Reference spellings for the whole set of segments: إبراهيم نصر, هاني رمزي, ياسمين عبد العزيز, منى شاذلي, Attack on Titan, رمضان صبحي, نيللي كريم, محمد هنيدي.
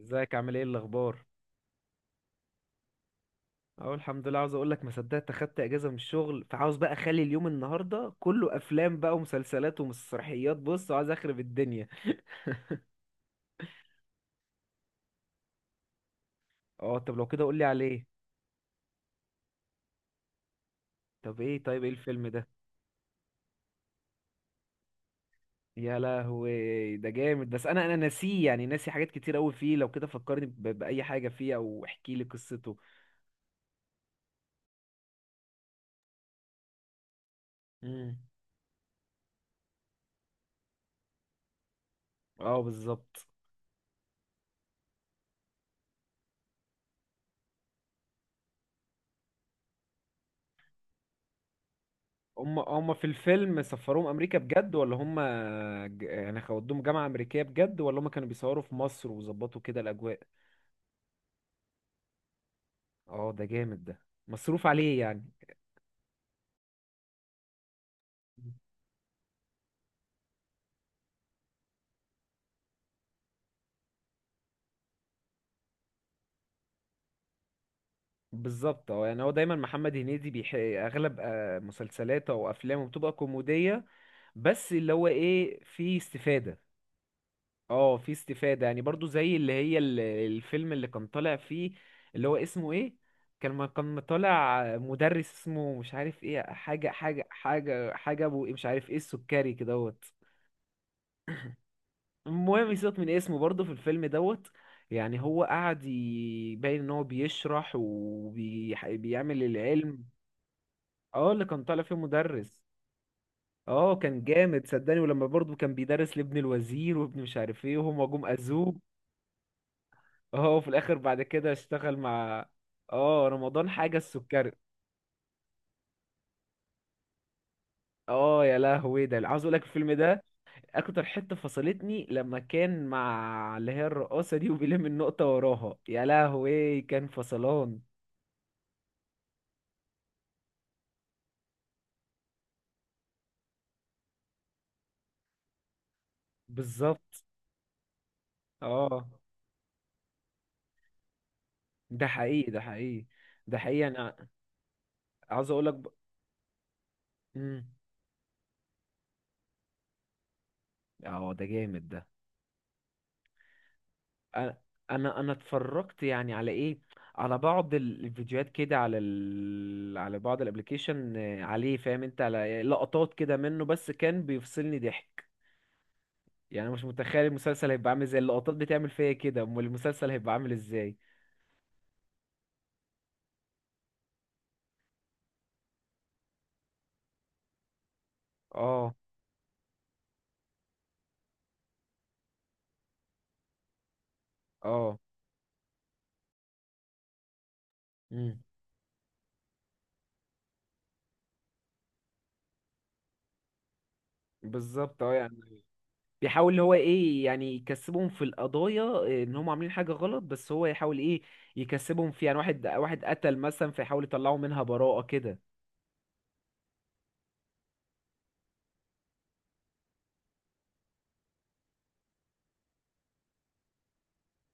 ازيك، عامل ايه، الاخبار؟ اهو الحمد لله. عاوز اقول لك ما صدقت اخدت اجازه من الشغل، فعاوز بقى اخلي اليوم النهارده كله افلام بقى ومسلسلات ومسرحيات. بص، عايز اخرب الدنيا. اه طب لو كده قول لي عليه. طب ايه طيب ايه الفيلم ده؟ يا لهوي ده جامد. بس انا ناسيه، يعني ناسي حاجات كتير قوي فيه. لو كده فكرني باي حاجه فيه او احكي لي قصته. امم. اه بالظبط. هم في الفيلم سفروهم امريكا بجد ولا هم يعني خدوهم جامعة امريكية بجد، ولا هم كانوا بيصوروا في مصر وظبطوا كده الاجواء؟ اه ده جامد ده، مصروف عليه يعني. بالظبط. اه يعني هو دايما محمد هنيدي اغلب مسلسلاته او افلامه بتبقى كوميديه، بس اللي هو ايه، في استفاده. اه في استفادة يعني، برضو زي اللي هي الفيلم اللي كان طالع فيه، اللي هو اسمه ايه، كان ما كان طالع مدرس اسمه مش عارف ايه، حاجة حاجة حاجة حاجة ابو إيه، مش عارف ايه، السكري كدهوت. المهم سيبك من اسمه، برضو في الفيلم دوت، يعني هو قعد يبين ان هو بيشرح وبيعمل العلم. اه اللي كان طالع فيه مدرس. اه كان جامد صدقني. ولما برضو كان بيدرس لابن الوزير وابن مش عارف ايه، وهما جم اذوه. اه وفي الاخر بعد كده اشتغل مع، اه، رمضان حاجه السكري. اه يا لهوي ده. عاوز اقول لك الفيلم ده، اكتر حته فصلتني لما كان مع اللي هي الرقاصه دي وبيلم النقطه وراها، يا لهوي كان فصلان. بالظبط. اه ده حقيقي، ده حقيقي، ده حقيقي. انا عاوز اقول لك مم. اه ده جامد ده. انا انا أنا اتفرجت يعني على ايه، على بعض الفيديوهات كده، على بعض الابليكيشن عليه، فاهم انت، على لقطات كده منه، بس كان بيفصلني ضحك. يعني أنا مش متخيل المسلسل هيبقى عامل ازاي. اللقطات بتعمل فيا كده، امال المسلسل هيبقى عامل ازاي؟ اه، اه. امم. بالظبط. اه يعني بيحاول اللي هو ايه، يعني يكسبهم في القضايا. ان هم عاملين حاجه غلط، بس هو يحاول ايه، يكسبهم فيها، يعني واحد واحد قتل مثلا، فيحاول يطلعوا منها براءه كده.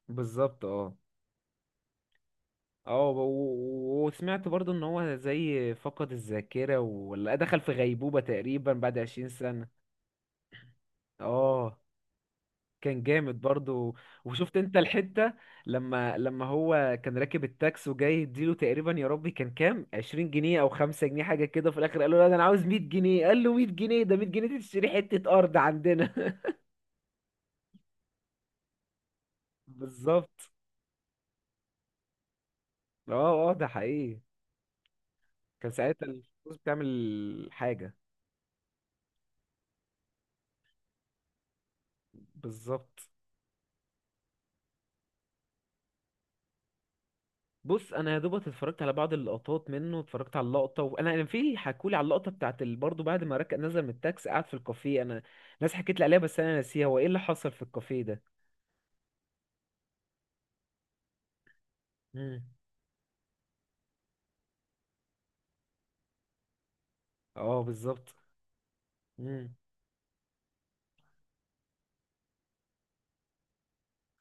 بالظبط. اه، اه، وسمعت برضو ان هو زي فقد الذاكرة ولا دخل في غيبوبة تقريبا بعد 20 سنة. اه كان جامد برضو. وشفت انت الحتة، لما هو كان راكب التاكس، وجاي يديله تقريبا، يا ربي كان كام، 20 جنيه او 5 جنيه حاجة كده، في الاخر قال له لا ده انا عاوز 100 جنيه. قال له 100 جنيه؟ ده 100 جنيه دي تشتري حتة ارض عندنا. بالظبط. اه، اه، ده حقيقي. كان ساعتها الفلوس بتعمل حاجة. بالظبط. بص انا يا دوبك اتفرجت على بعض اللقطات منه. اتفرجت على اللقطه، وانا في، حكولي على اللقطه بتاعت برضه بعد ما ركب نزل من التاكسي قعد في الكافيه. انا ناس حكيت لي عليها، بس انا ناسيها، هو ايه اللي حصل في الكافيه ده. امم. اه بالظبط. امم.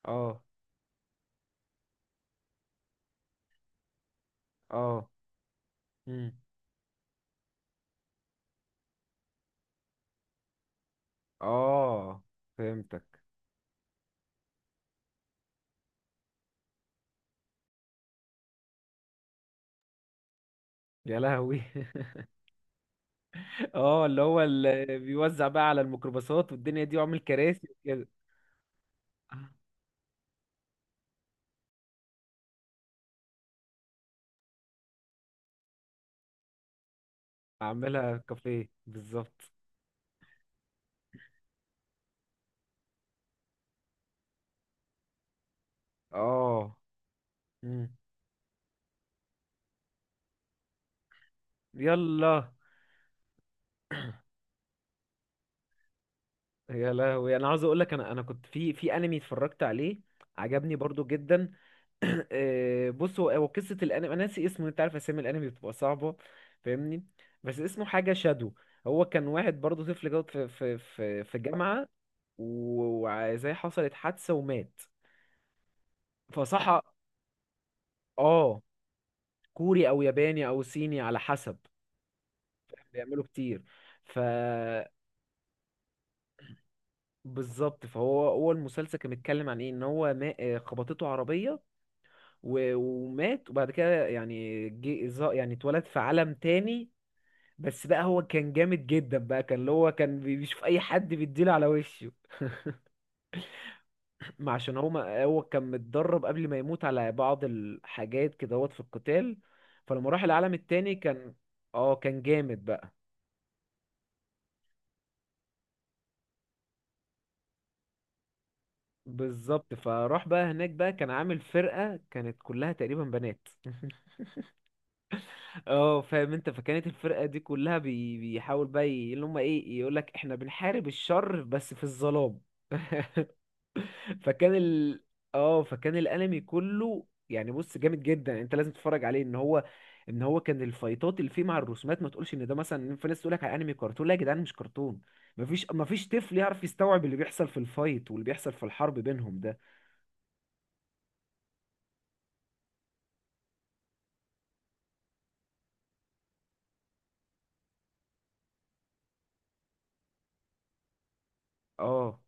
اه، اه. امم. اه فهمتك. يا لهوي. اه اللي هو، اللي بيوزع بقى على الميكروباصات والدنيا دي، وعامل كراسي وكده. عاملها كافيه بالظبط. اه. امم. يلا. يا لهوي. انا عاوز اقول لك، انا كنت في انمي اتفرجت عليه، عجبني برضو جدا. بص، هو قصه الانمي، انا ناسي اسمه، انت عارف اسامي الانمي بتبقى صعبه، فاهمني، بس اسمه حاجه شادو. هو كان واحد برضو، طفل جوت في جامعه، و- وزي حصلت حادثه ومات، فصحى. اه، كوري او ياباني او صيني على حسب، بيعملوا كتير. ف بالظبط. فهو المسلسل كان بيتكلم عن ايه، ان هو خبطته عربيه ومات، وبعد كده يعني جه، يعني اتولد في عالم تاني. بس بقى هو كان جامد جدا بقى، كان اللي هو كان بيشوف اي حد بيديله على وشه. ما عشان هو، ما هو كان متدرب قبل ما يموت على بعض الحاجات كده، هوت في القتال. فلما راح العالم التاني كان، اه كان جامد بقى. بالظبط. فراح بقى هناك بقى، كان عامل فرقة كانت كلها تقريبا بنات. اه فاهم انت، فكانت الفرقة دي كلها بيحاول بقى اللي هم ايه، يقولك احنا بنحارب الشر بس في الظلام. فكان ال اه فكان الانمي كله يعني، بص جامد جدا، انت لازم تتفرج عليه. ان هو، ان هو كان الفايتات اللي فيه مع الرسومات، ما تقولش ان ده مثلا، في ناس تقولك على انمي كرتون، لا يا جدعان مش كرتون. مفيش طفل يعرف يستوعب اللي بيحصل في الفايت واللي بيحصل في الحرب بينهم ده. اه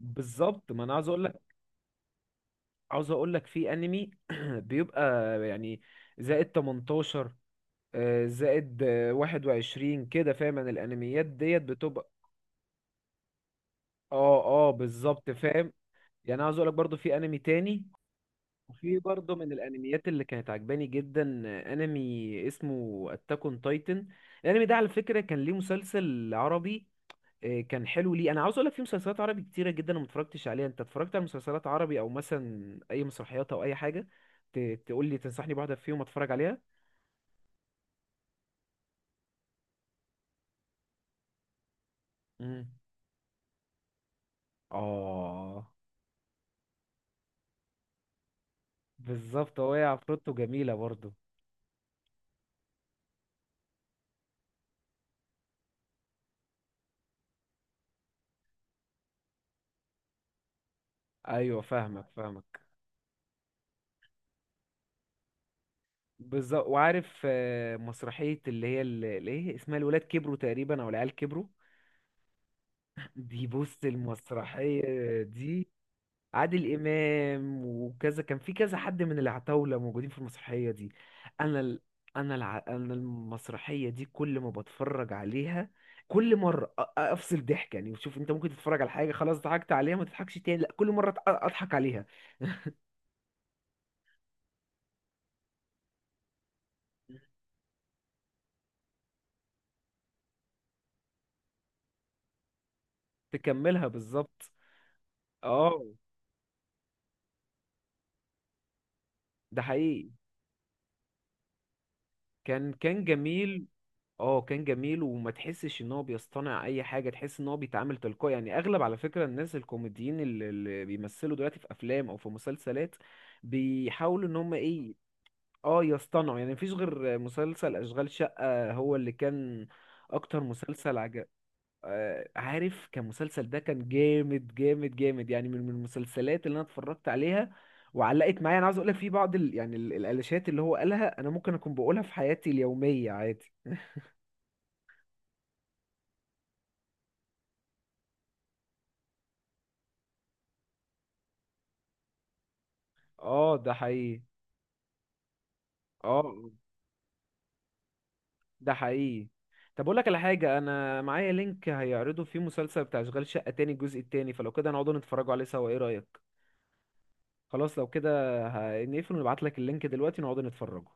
بالظبط. ما انا عاوز اقول، عاوز اقول لك في انمي بيبقى يعني زائد 18، زائد 21 كده، فاهم، انا الانميات ديت بتبقى. اه، اه بالظبط، فاهم. يعني عاوز اقول لك برضو في انمي تاني، وفي برضو من الانميات اللي كانت عجباني جدا، انمي اسمه اتاك اون تايتن. الانمي ده على فكرة كان ليه مسلسل عربي، إيه، كان حلو. ليه انا عاوز اقول لك، في مسلسلات عربي كتيره جدا أنا ما اتفرجتش عليها. انت اتفرجت على مسلسلات عربي، او مثلا اي مسرحيات او اي حاجه، تقول لي تنصحني بواحده فيهم اتفرج عليها؟ امم. اه بالظبط. هي عفروتو جميله برضو. ايوه فاهمك، فاهمك. بالظبط. وعارف مسرحيه اللي هي اللي ايه اسمها، الولاد كبروا تقريبا، او العيال كبروا، دي بص المسرحيه دي، عادل امام وكذا، كان في كذا حد من العتاوله موجودين في المسرحيه دي. انا ال... انا الع... انا المسرحيه دي كل ما بتفرج عليها كل مره افصل ضحك يعني. وشوف انت ممكن تتفرج على حاجه خلاص ضحكت عليها ما تضحكش تاني، لا كل مره اضحك عليها. تكملها بالظبط. اه ده حقيقي. كان جميل. اه كان جميل، وما تحسش ان هو بيصطنع اي حاجه، تحس ان هو بيتعامل تلقائي، يعني اغلب، على فكره، الناس الكوميديين اللي بيمثلوا دلوقتي في افلام او في مسلسلات، بيحاولوا ان هم ايه، اه يصطنعوا، يعني مفيش غير مسلسل اشغال شقه هو اللي كان اكتر مسلسل عجب. عارف، كان مسلسل ده كان جامد جامد جامد، يعني من المسلسلات اللي انا اتفرجت عليها وعلقت معايا. انا عاوز اقول لك في بعض الالاشات اللي هو قالها انا ممكن اكون بقولها في حياتي اليوميه عادي. اه ده حقيقي، اه ده حقيقي. طب اقول لك على حاجه، انا معايا لينك هيعرضوا فيه مسلسل بتاع اشغال شقه تاني، الجزء التاني، فلو كده نقعدوا نتفرجوا عليه سوا، ايه رايك؟ خلاص لو كده، نقفل ونبعت لك اللينك دلوقتي نقعدوا نتفرجوا.